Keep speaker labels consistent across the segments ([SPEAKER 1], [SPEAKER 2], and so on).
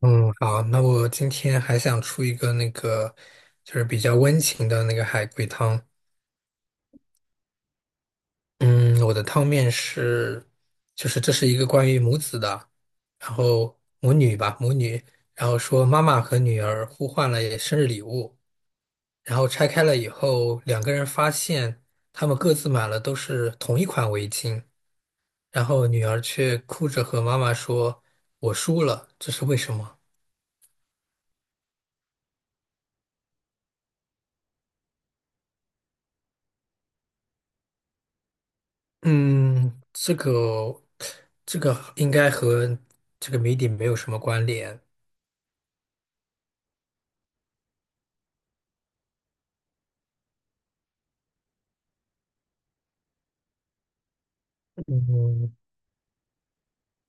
[SPEAKER 1] 嗯，好，那我今天还想出一个那个，就是比较温情的那个海龟汤。嗯，我的汤面是，就是这是一个关于母子的，然后母女吧，然后说妈妈和女儿互换了生日礼物，然后拆开了以后，两个人发现他们各自买了都是同一款围巾，然后女儿却哭着和妈妈说："我输了，这是为什么？"嗯，这个这个应该和这个谜底没有什么关联。嗯，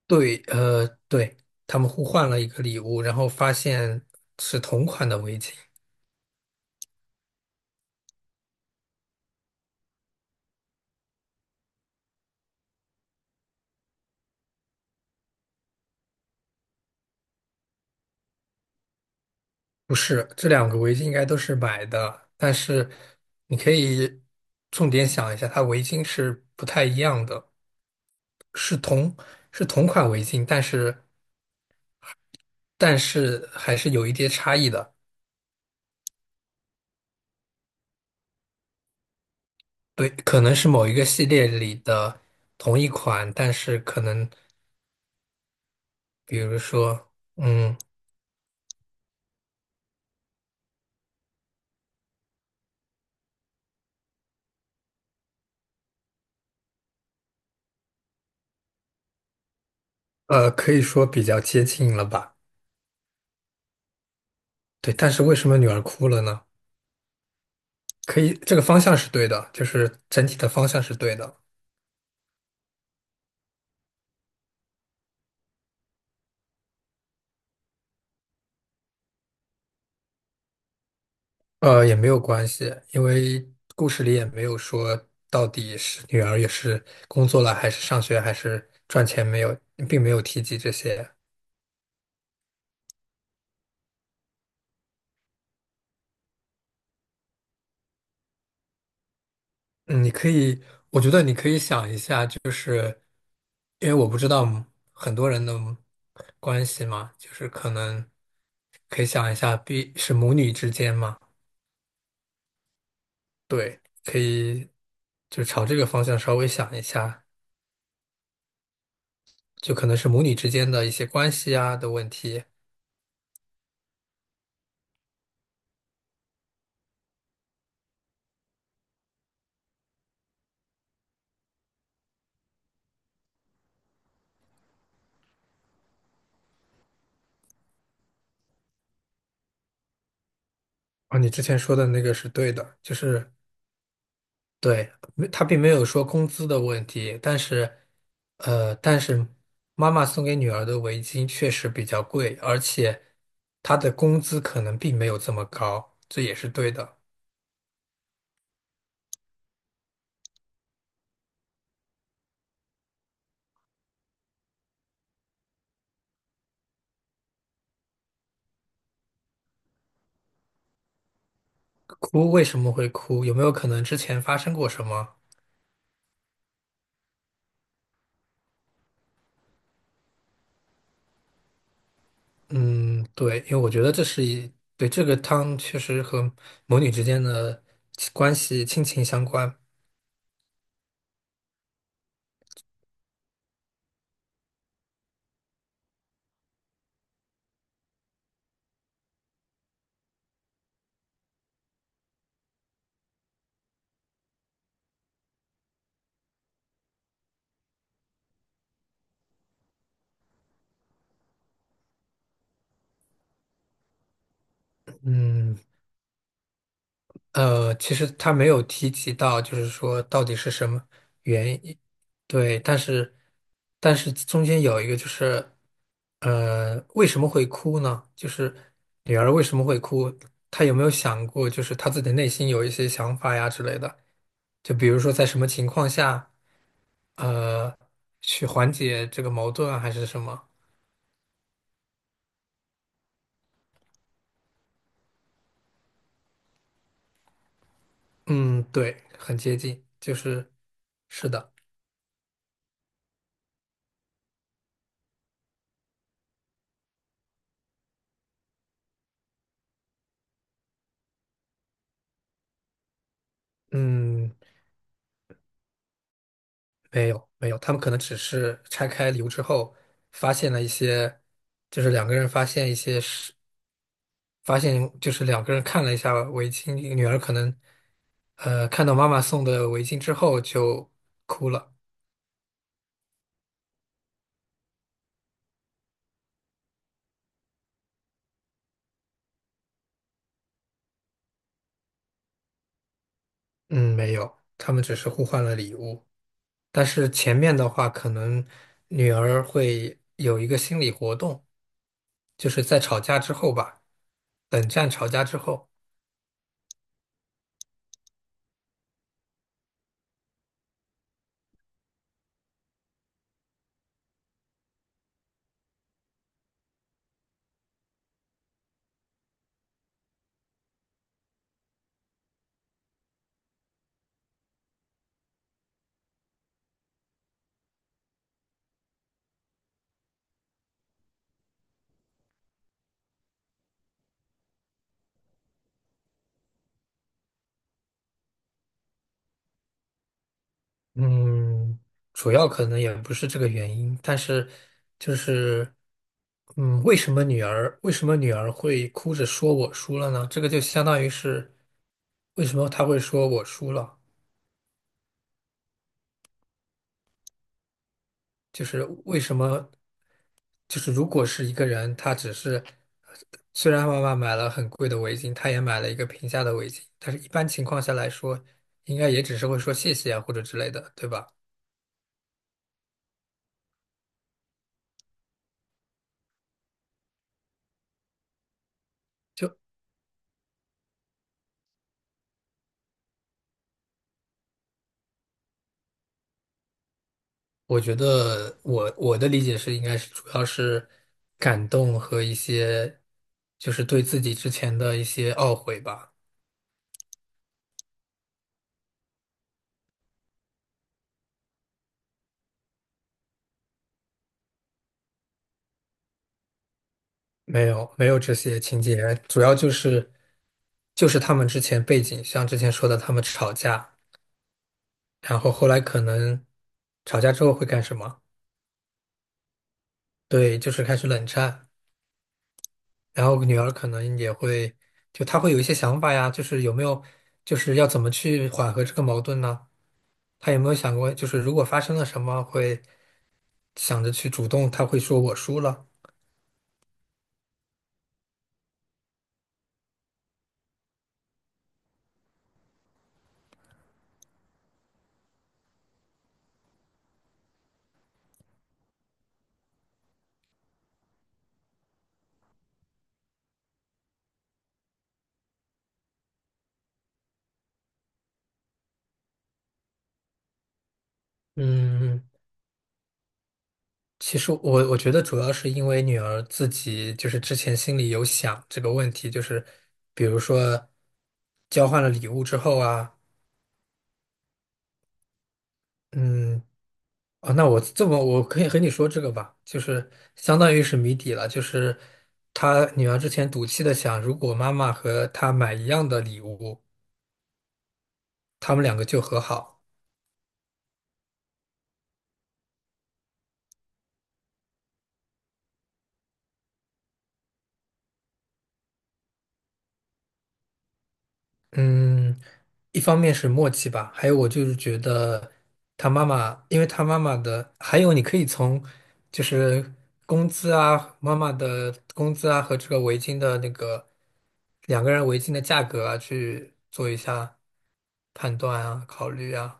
[SPEAKER 1] 对，对，他们互换了一个礼物，然后发现是同款的围巾，不是，这两个围巾应该都是买的，但是你可以重点想一下，它围巾是不太一样的，是同是同款围巾，但是还是有一些差异的。对，可能是某一个系列里的同一款，但是可能，比如说，嗯，可以说比较接近了吧？对，但是为什么女儿哭了呢？可以，这个方向是对的，就是整体的方向是对的。也没有关系，因为故事里也没有说到底是女儿也是工作了，还是上学，还是赚钱，没有，并没有提及这些。嗯，你可以，我觉得你可以想一下，就是因为我不知道很多人的关系嘛，就是可能可以想一下，必是母女之间嘛，对，可以就朝这个方向稍微想一下，就可能是母女之间的一些关系啊的问题。啊，你之前说的那个是对的，就是对，没他并没有说工资的问题，但是妈妈送给女儿的围巾确实比较贵，而且她的工资可能并没有这么高，这也是对的。哭为什么会哭？有没有可能之前发生过什么？嗯，对，因为我觉得这是一，对，这个汤确实和母女之间的亲情相关。嗯，其实他没有提及到，就是说到底是什么原因，对，但是中间有一个就是，为什么会哭呢？就是女儿为什么会哭？她有没有想过，就是她自己内心有一些想法呀之类的？就比如说在什么情况下，呃，去缓解这个矛盾啊，还是什么？嗯，对，很接近，就是是的，嗯。没有没有，他们可能只是拆开礼物之后，发现了一些，就是两个人发现一些是发现就是两个人看了一下围巾，女儿可能看到妈妈送的围巾之后就哭了。嗯，没有，他们只是互换了礼物。但是前面的话，可能女儿会有一个心理活动，就是在吵架之后吧，冷战吵架之后。嗯，主要可能也不是这个原因，但是就是，为什么女儿会哭着说我输了呢？这个就相当于是为什么她会说我输了，就是为什么就是如果是一个人，他只是虽然妈妈买了很贵的围巾，他也买了一个平价的围巾，但是一般情况下来说，应该也只是会说谢谢啊或者之类的，对吧？我觉得我的理解是，应该是主要是感动和一些，就是对自己之前的一些懊悔吧。没有没有这些情节，主要就是他们之前背景，像之前说的，他们吵架，然后后来可能吵架之后会干什么？对，就是开始冷战，然后女儿可能也会，就她会有一些想法呀，就是有没有，就是要怎么去缓和这个矛盾呢？她有没有想过，就是如果发生了什么会？想着去主动，他会说我输了。嗯，其实我觉得主要是因为女儿自己就是之前心里有想这个问题，就是比如说交换了礼物之后啊，嗯，哦，那我这么我可以和你说这个吧，就是相当于是谜底了，就是她女儿之前赌气的想，如果妈妈和她买一样的礼物，他们两个就和好。嗯，一方面是默契吧，还有我就是觉得他妈妈，因为他妈妈的，还有你可以从就是工资啊，妈妈的工资啊和这个围巾的那个两个人围巾的价格啊去做一下判断啊，考虑啊。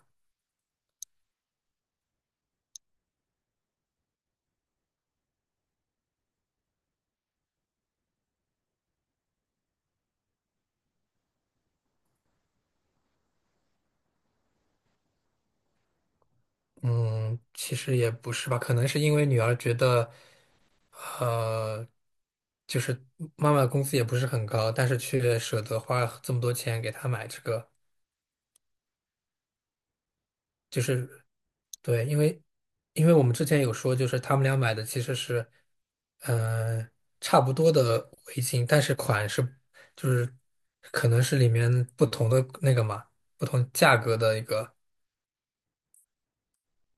[SPEAKER 1] 嗯，其实也不是吧，可能是因为女儿觉得，呃，就是妈妈的工资也不是很高，但是却舍得花这么多钱给她买这个。就是对，因为我们之前有说，就是他们俩买的其实是，呃，差不多的围巾，但是款式就是可能是里面不同的那个嘛，不同价格的一个。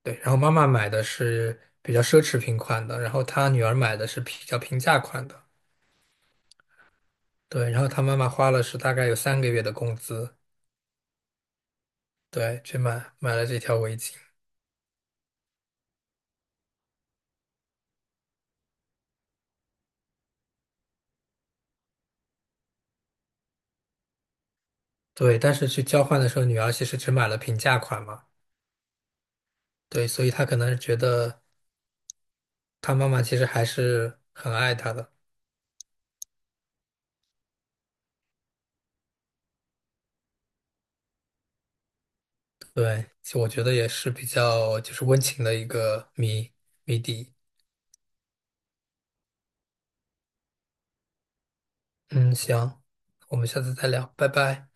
[SPEAKER 1] 对，然后妈妈买的是比较奢侈品款的，然后她女儿买的是比较平价款的。对，然后她妈妈花了是大概有3个月的工资，对，去买了这条围巾。对，但是去交换的时候，女儿其实只买了平价款嘛。对，所以他可能觉得他妈妈其实还是很爱他的。对，其实我觉得也是比较就是温情的一个谜底。嗯，行，我们下次再聊，拜拜。